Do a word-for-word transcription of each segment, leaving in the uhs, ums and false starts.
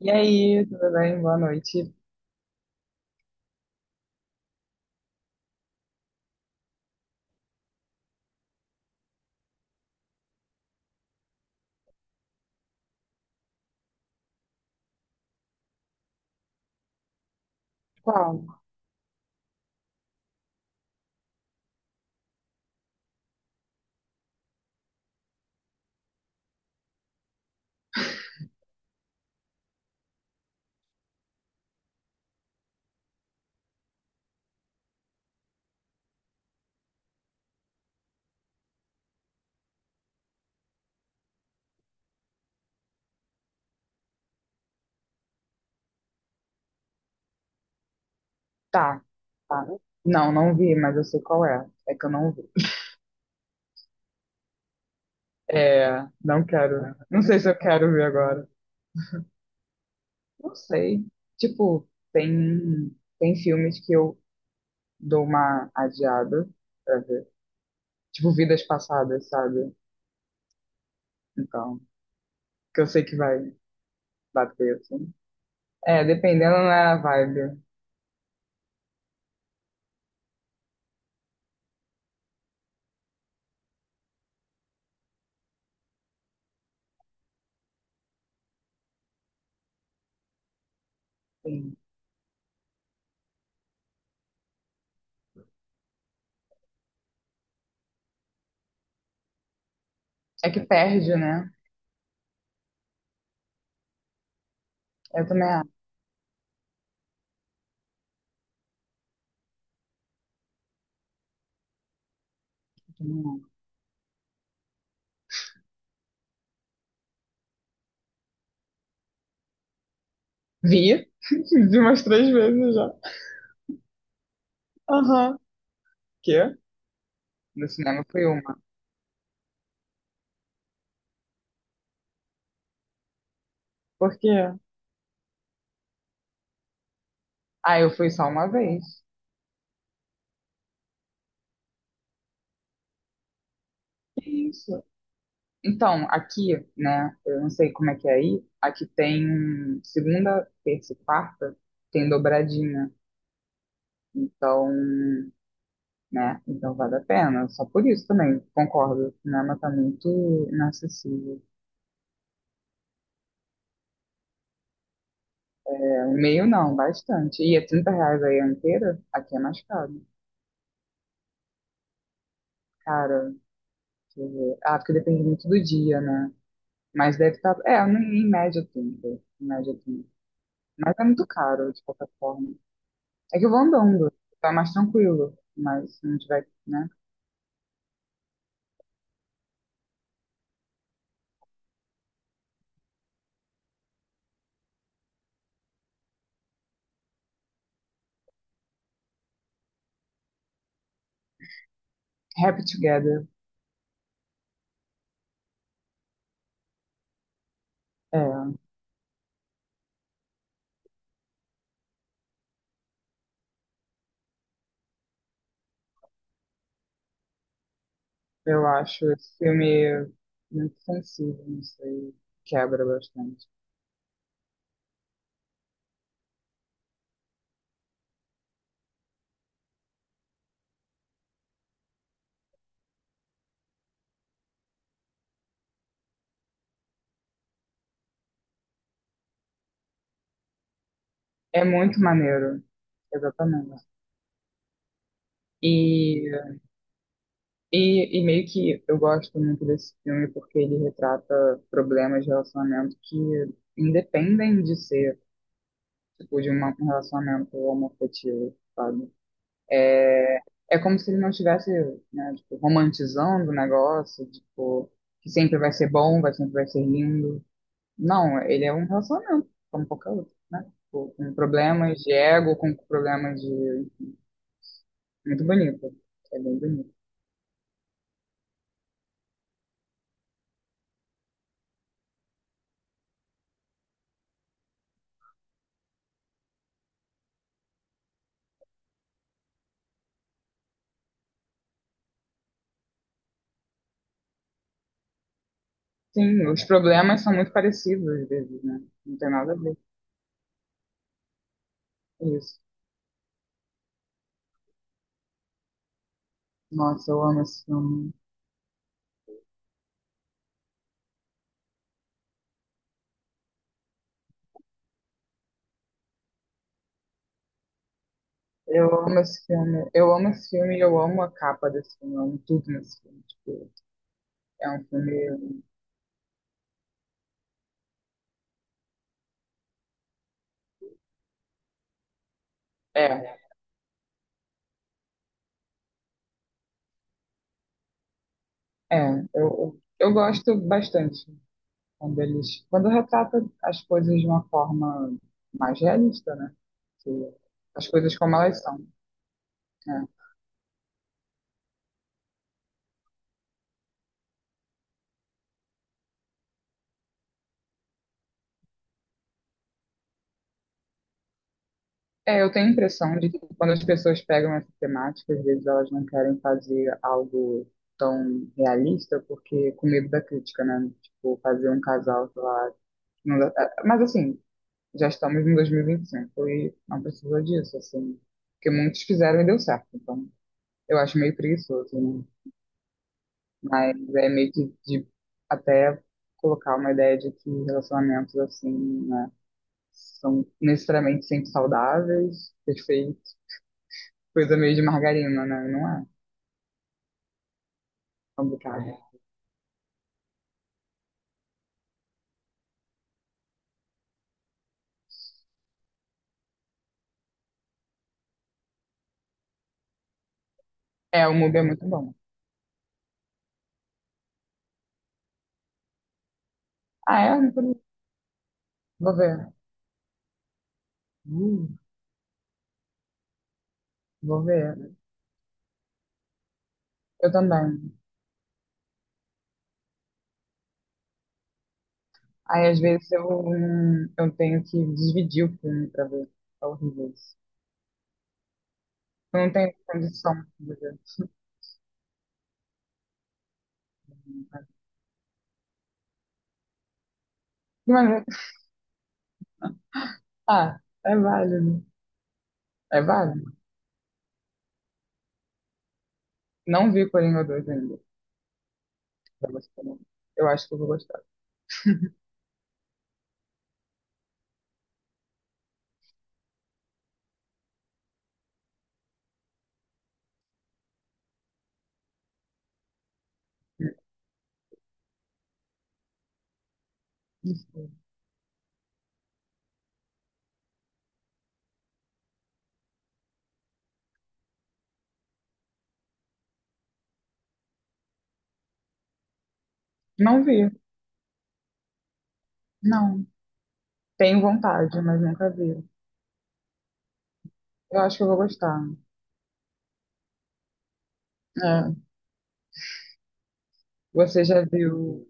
E aí, tudo bem? Boa noite. Qual? Tá, tá. Não, não vi, mas eu sei qual é. É que eu não vi. É, não quero, né? Não sei se eu quero ver agora. Não sei. Tipo, tem, tem filmes que eu dou uma adiada pra ver. Tipo, Vidas Passadas, sabe? Então, que eu sei que vai bater, assim. É, dependendo da vibe. Sim. É que perde, né? Eu também acho. Também acho. Vi, de umas três vezes já. Aham. Quê? No cinema foi uma. Por quê? Ah, eu fui só uma vez. Que isso? Então, aqui, né, eu não sei como é que é aí, aqui tem segunda, terça e quarta, tem dobradinha. Então, né, então vale a pena. Só por isso também, concordo. O cinema tá muito inacessível. É, o meio não, bastante. E é trinta reais aí a inteira, aqui é mais caro. Cara, deixa eu ver. Ah, porque depende muito do dia, né? Mas deve estar. É, em média trinta. Em média trinta. Mas é muito caro, de qualquer forma. É que eu vou andando, tá mais tranquilo. Mas se não tiver, né? Happy Together. É, eu acho esse filme muito sensível, não sei. Quebra bastante. É muito maneiro, exatamente. E, e, e meio que eu gosto muito desse filme porque ele retrata problemas de relacionamento que independem de ser. Tipo, de uma- um relacionamento homoafetivo, sabe? É, é como se ele não estivesse, né, tipo, romantizando o negócio, tipo, que sempre vai ser bom, vai sempre vai ser lindo. Não, ele é um relacionamento, como qualquer outro, né? Tipo, com problemas de ego, com problemas de... Muito bonito, é bem bonito. Sim, os problemas são muito parecidos, às vezes, né? Não tem nada a ver, é isso. Nossa, eu amo esse filme. Eu amo esse filme. Eu amo esse filme e eu amo a capa desse filme. Eu amo tudo nesse filme. Tipo, é um filme. É, é. Eu, eu, gosto bastante quando eles. Quando retrata as coisas de uma forma mais realista, né? Que- As coisas como elas são. Né? É, eu tenho a impressão de que quando as pessoas pegam essa temática, às vezes elas não querem fazer algo tão realista, porque com medo da crítica, né? Tipo, fazer um casal, sei lá, não dá- é, mas assim, já estamos em dois mil e vinte e cinco e vinte e cinco e não precisa disso, assim. Porque muitos fizeram e deu certo. Então, eu acho meio preguiçoso, né? Mas é meio que de até colocar uma ideia de que relacionamentos, assim, né, são necessariamente sempre saudáveis, perfeitos. Coisa meio de margarina, né? Não é complicado. É, o Mubi é muito bom. Ah, é? Não tô- Vou ver. Hum, Vou ver. Eu também. Aí às vezes eu, hum, eu tenho que dividir o filme pra ver. É horrível isso. Eu não tenho condição de ver. Mas, ah, é válido. É válido. Não vi Coringa dois ainda. Pra você falar. Eu acho que eu vou gostar. Não sei. Não vi. Não. Tenho vontade, mas nunca vi. Eu acho que eu vou gostar. É. Você já viu.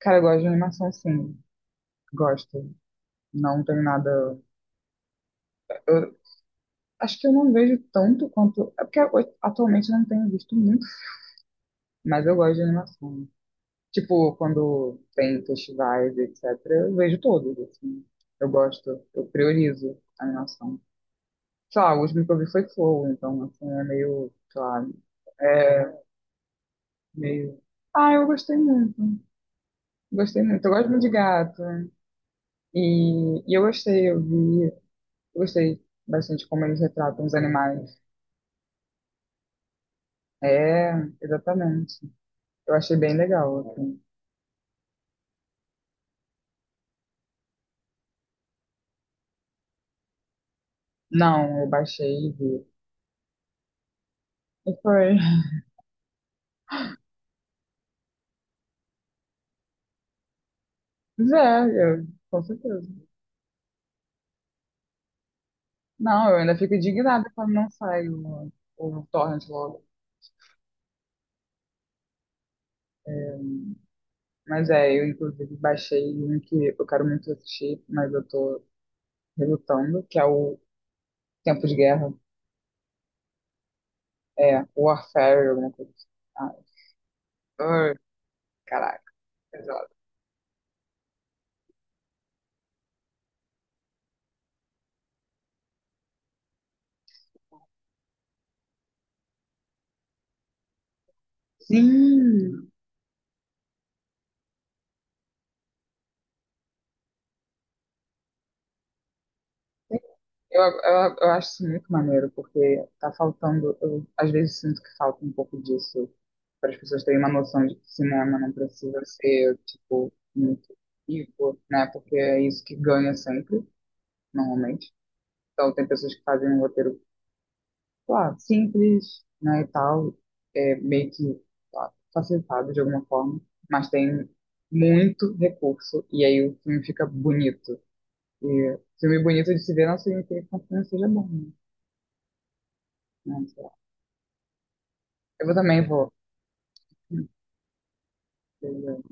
Cara, eu gosto de animação, sim. Gosto. Não tenho nada. Eu, Acho que eu não vejo tanto quanto. É porque eu- atualmente eu não tenho visto muito, mas eu gosto de animação. Tipo, quando tem festivais, etcétera, eu vejo todos, assim. Eu gosto, eu priorizo a animação. Sei lá, o último que eu vi foi Flow, então, assim, é meio, sei lá, é meio. Ah, eu gostei muito. Gostei muito. Eu gosto muito de gato. E, e eu gostei, eu vi. Eu gostei bastante como eles retratam os animais. É, exatamente. Eu achei bem legal, assim. Não, eu baixei e vi. E foi. Mas é, eu, com certeza. Não, eu ainda fico indignada quando não sai o, o, torrent logo. É, mas é, eu inclusive baixei um que eu quero muito assistir, mas eu tô relutando, que é o Tempo de Guerra. É, Warfare, alguma coisa assim. Ah, ai, caraca, pesado. Sim! Eu, eu, eu acho isso muito maneiro, porque tá faltando, eu às vezes sinto que falta um pouco disso, para as pessoas terem uma noção de que cinema não precisa ser, tipo, muito rico, né? Porque é isso que ganha sempre, normalmente. Então, tem pessoas que fazem um roteiro, sei lá, simples, né, e tal, é, meio que sei lá, facilitado de alguma forma, mas tem muito recurso, e aí o filme fica bonito. E filme bonito de se ver não significa que o filme seja bom, né? Então, eu também vou. Beleza.